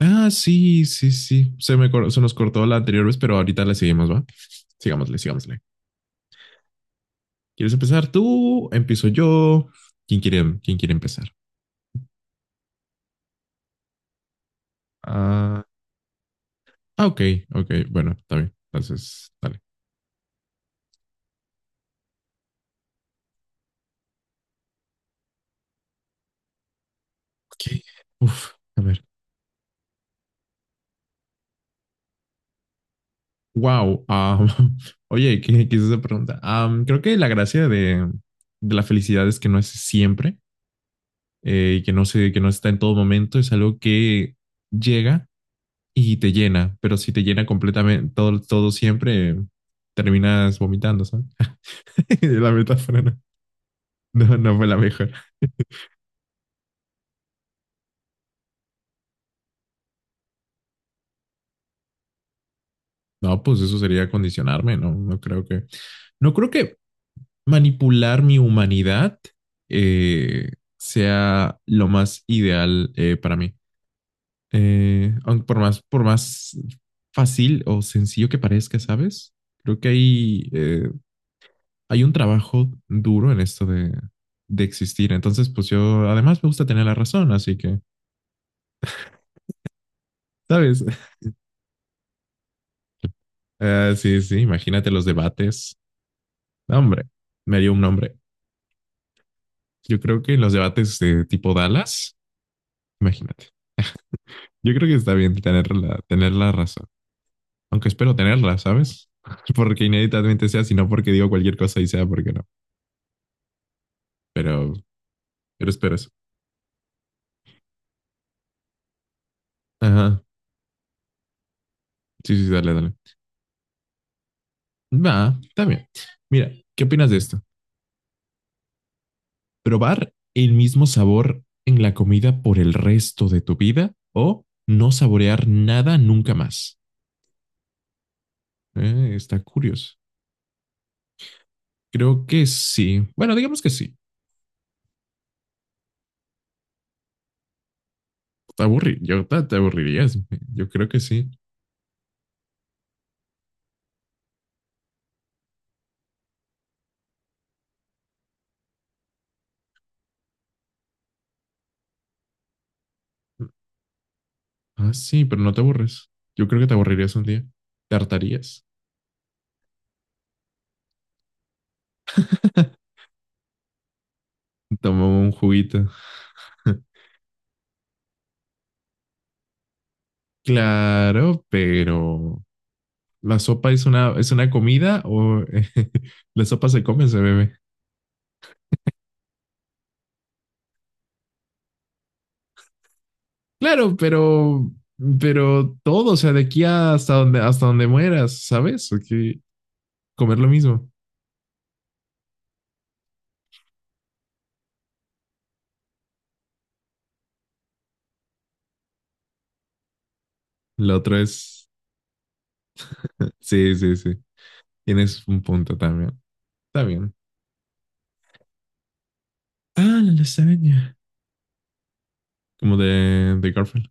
Ah, sí, sí, sí. Se nos cortó la anterior vez, pero ahorita le seguimos, ¿va? Sigámosle, sigámosle. ¿Quieres empezar tú? ¿Empiezo yo? Quién quiere empezar? Ah, ok, ok. Bueno, está bien. Entonces, dale. Ok. Uf, a ver. Wow. Oye, ¿qué, qué es esa pregunta? Creo que la gracia de la felicidad es que no es siempre y que no se, que no está en todo momento. Es algo que llega y te llena, pero si te llena completamente todo, todo siempre, terminas vomitando, ¿sabes? La metáfora no fue la mejor. No, pues eso sería condicionarme, ¿no? No creo que, no creo que manipular mi humanidad eh, sea lo más ideal para mí. Aunque por más fácil o sencillo que parezca, ¿sabes? Creo que hay un trabajo duro en esto de existir. Entonces, pues yo además me gusta tener la razón, así que, ¿sabes? Ah, sí, sí, imagínate los debates. No, hombre, me dio un nombre. Yo creo que los debates de tipo Dallas, imagínate. Yo creo que está bien tener la razón, aunque espero tenerla, ¿sabes? Porque inéditamente sea, sino porque digo cualquier cosa y sea porque no. Pero, pero espero eso. Ajá. Sí, sí, dale, dale. Va, está bien. Mira, ¿qué opinas de esto? Probar el mismo sabor en la comida por el resto de tu vida o no saborear nada nunca más. Está curioso. Creo que sí. Bueno, digamos que sí. Te aburrirías. Yo creo que sí. Ah, sí, pero no te aburres. Yo creo que te aburrirías un día. Te hartarías. Toma un juguito. Claro, pero ¿la sopa es una comida o la sopa se come, se bebe? Claro, pero todo, o sea, de aquí hasta donde mueras, ¿sabes? Hay que comer lo mismo. Lo otro es, sí, sí, sí. Tienes un punto también. Está bien. Ah, la lasaña. Como de Garfield.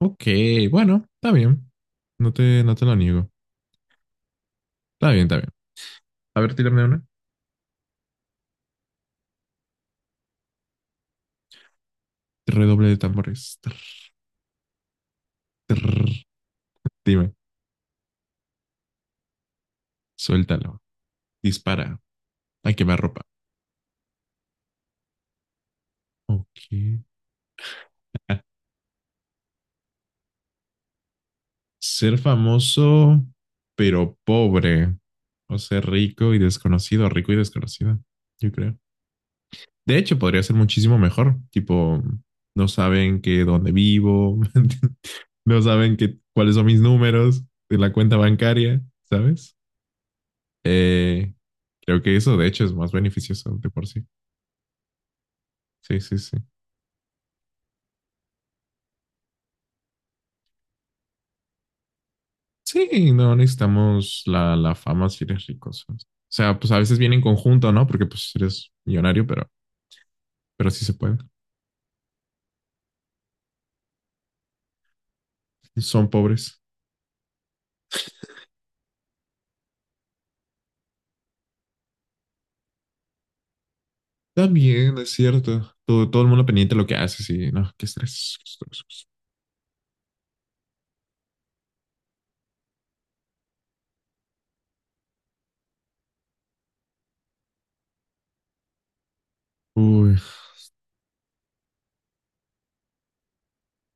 Ok, bueno, está bien. No te, no te lo niego. Está bien, está bien. A ver, tírame una. Redoble de tambores. Trrr, trrr. Dime, suéltalo. Dispara. A quemar ropa. Ok. Ser famoso, pero pobre. O ser rico y desconocido, yo creo. De hecho, podría ser muchísimo mejor. Tipo, no saben que dónde vivo, no saben que, cuáles son mis números de la cuenta bancaria, ¿sabes? Eh, Creo que eso, de hecho, es más beneficioso de por sí. Sí, sí, sí. Sí, no necesitamos la, la fama si eres rico. ¿Sabes? O sea, pues a veces viene en conjunto, ¿no? Porque pues eres millonario, pero sí se puede. Son pobres. También, es cierto. Todo, todo el mundo pendiente de lo que haces y no, qué estrés, qué estrés. Uy,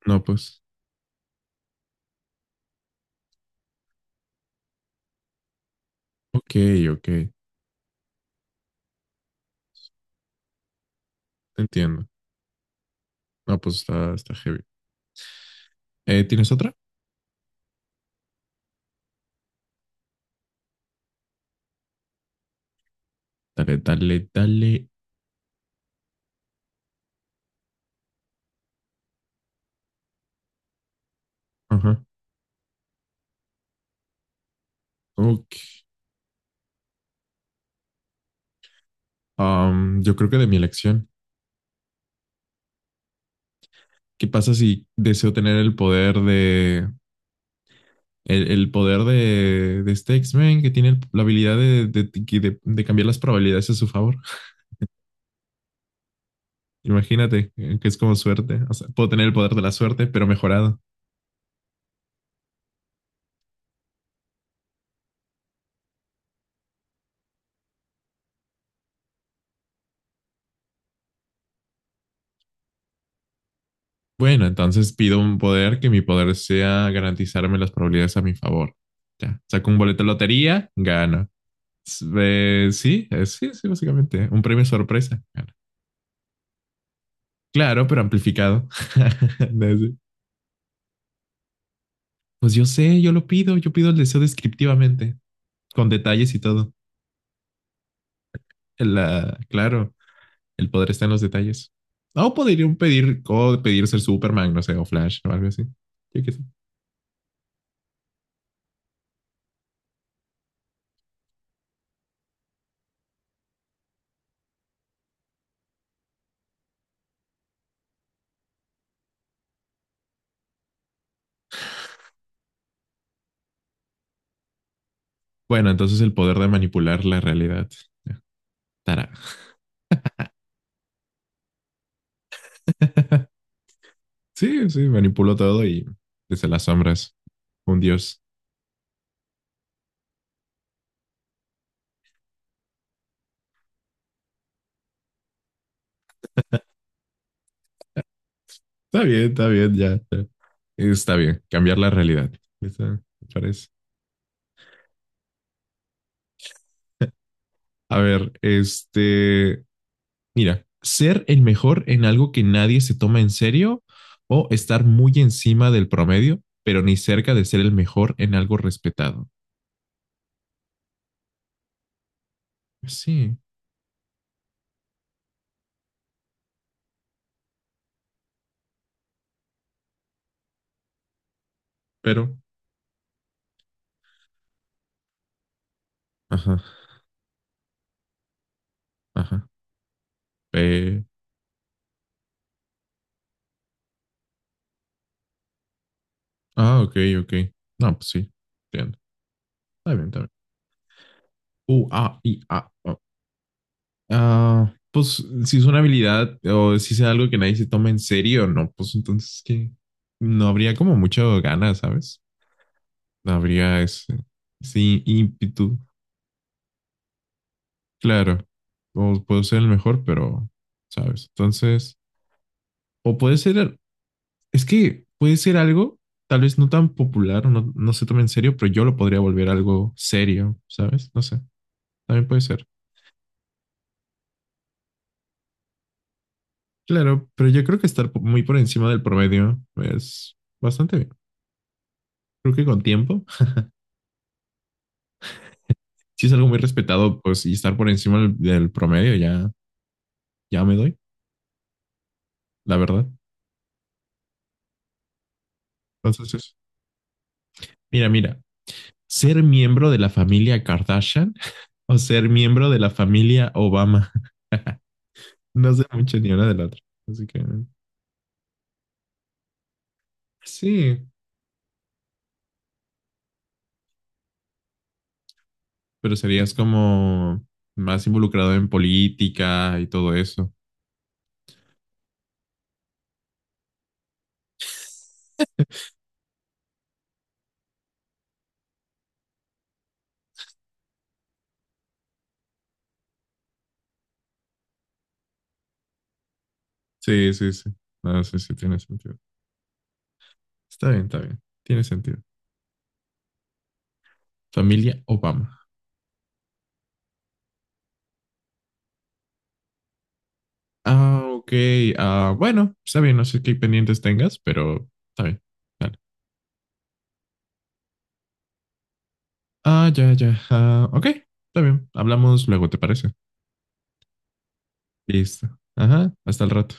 no, pues. Ok, ok. Te entiendo. No, pues está, está heavy. ¿Tienes otra? Dale, dale, dale. Ajá. Ok. Yo creo que de mi elección. ¿Qué pasa si deseo tener el poder de. El poder de este X-Men que tiene la habilidad de, de cambiar las probabilidades a su favor? Imagínate que es como suerte. O sea, puedo tener el poder de la suerte, pero mejorado. Bueno, entonces pido un poder que mi poder sea garantizarme las probabilidades a mi favor. Ya, saco un boleto de lotería, gano. Sí, sí, básicamente. Un premio sorpresa, gano. Claro, pero amplificado. Desde- Pues yo sé, yo lo pido, yo pido el deseo descriptivamente, con detalles y todo. La, claro, el poder está en los detalles. O podría un pedir, o pedir ser Superman, no sé, o Flash o algo así. Yo qué sé. Bueno, entonces el poder de manipular la realidad. Ya, Tará. Sí, sí, manipuló todo y desde las sombras, un dios. Está bien, ya. Está bien, cambiar la realidad. Está, me parece. A ver, este, mira, ser el mejor en algo que nadie se toma en serio o estar muy encima del promedio, pero ni cerca de ser el mejor en algo respetado. Sí, pero, ajá, ajá. Pe- ah, ok, ok. No, pues sí, entiendo. Está bien, está bien. U, A, I, A. Ah, pues si es una habilidad o si es algo que nadie se toma en serio, no, pues entonces que no habría como mucho ganas, ¿sabes? No habría ese, ese ímpetu, claro. O puedo ser el mejor, pero, ¿sabes? Entonces, o puede ser, es que puede ser algo tal vez no tan popular o no, no se tome en serio, pero yo lo podría volver algo serio, ¿sabes? No sé, también puede ser. Claro, pero yo creo que estar muy por encima del promedio es bastante bien. Creo que con tiempo sí es algo muy respetado, pues, y estar por encima del, del promedio ya, ya me doy, la verdad. Entonces, es- mira, mira, ser miembro de la familia Kardashian o ser miembro de la familia Obama. No sé mucho ni una de la otra. Así que sí, pero serías como más involucrado en política y todo eso. Sí, sí, sí. No, sí, sí, tiene sentido. Está bien, está bien. Tiene sentido. Familia Obama. Ah, ok. Ah, bueno, está bien, no sé qué pendientes tengas, pero está bien. Dale. Ah, ya, ya. Ah, ok, está bien. Hablamos luego, ¿te parece? Listo. Ajá, hasta el rato.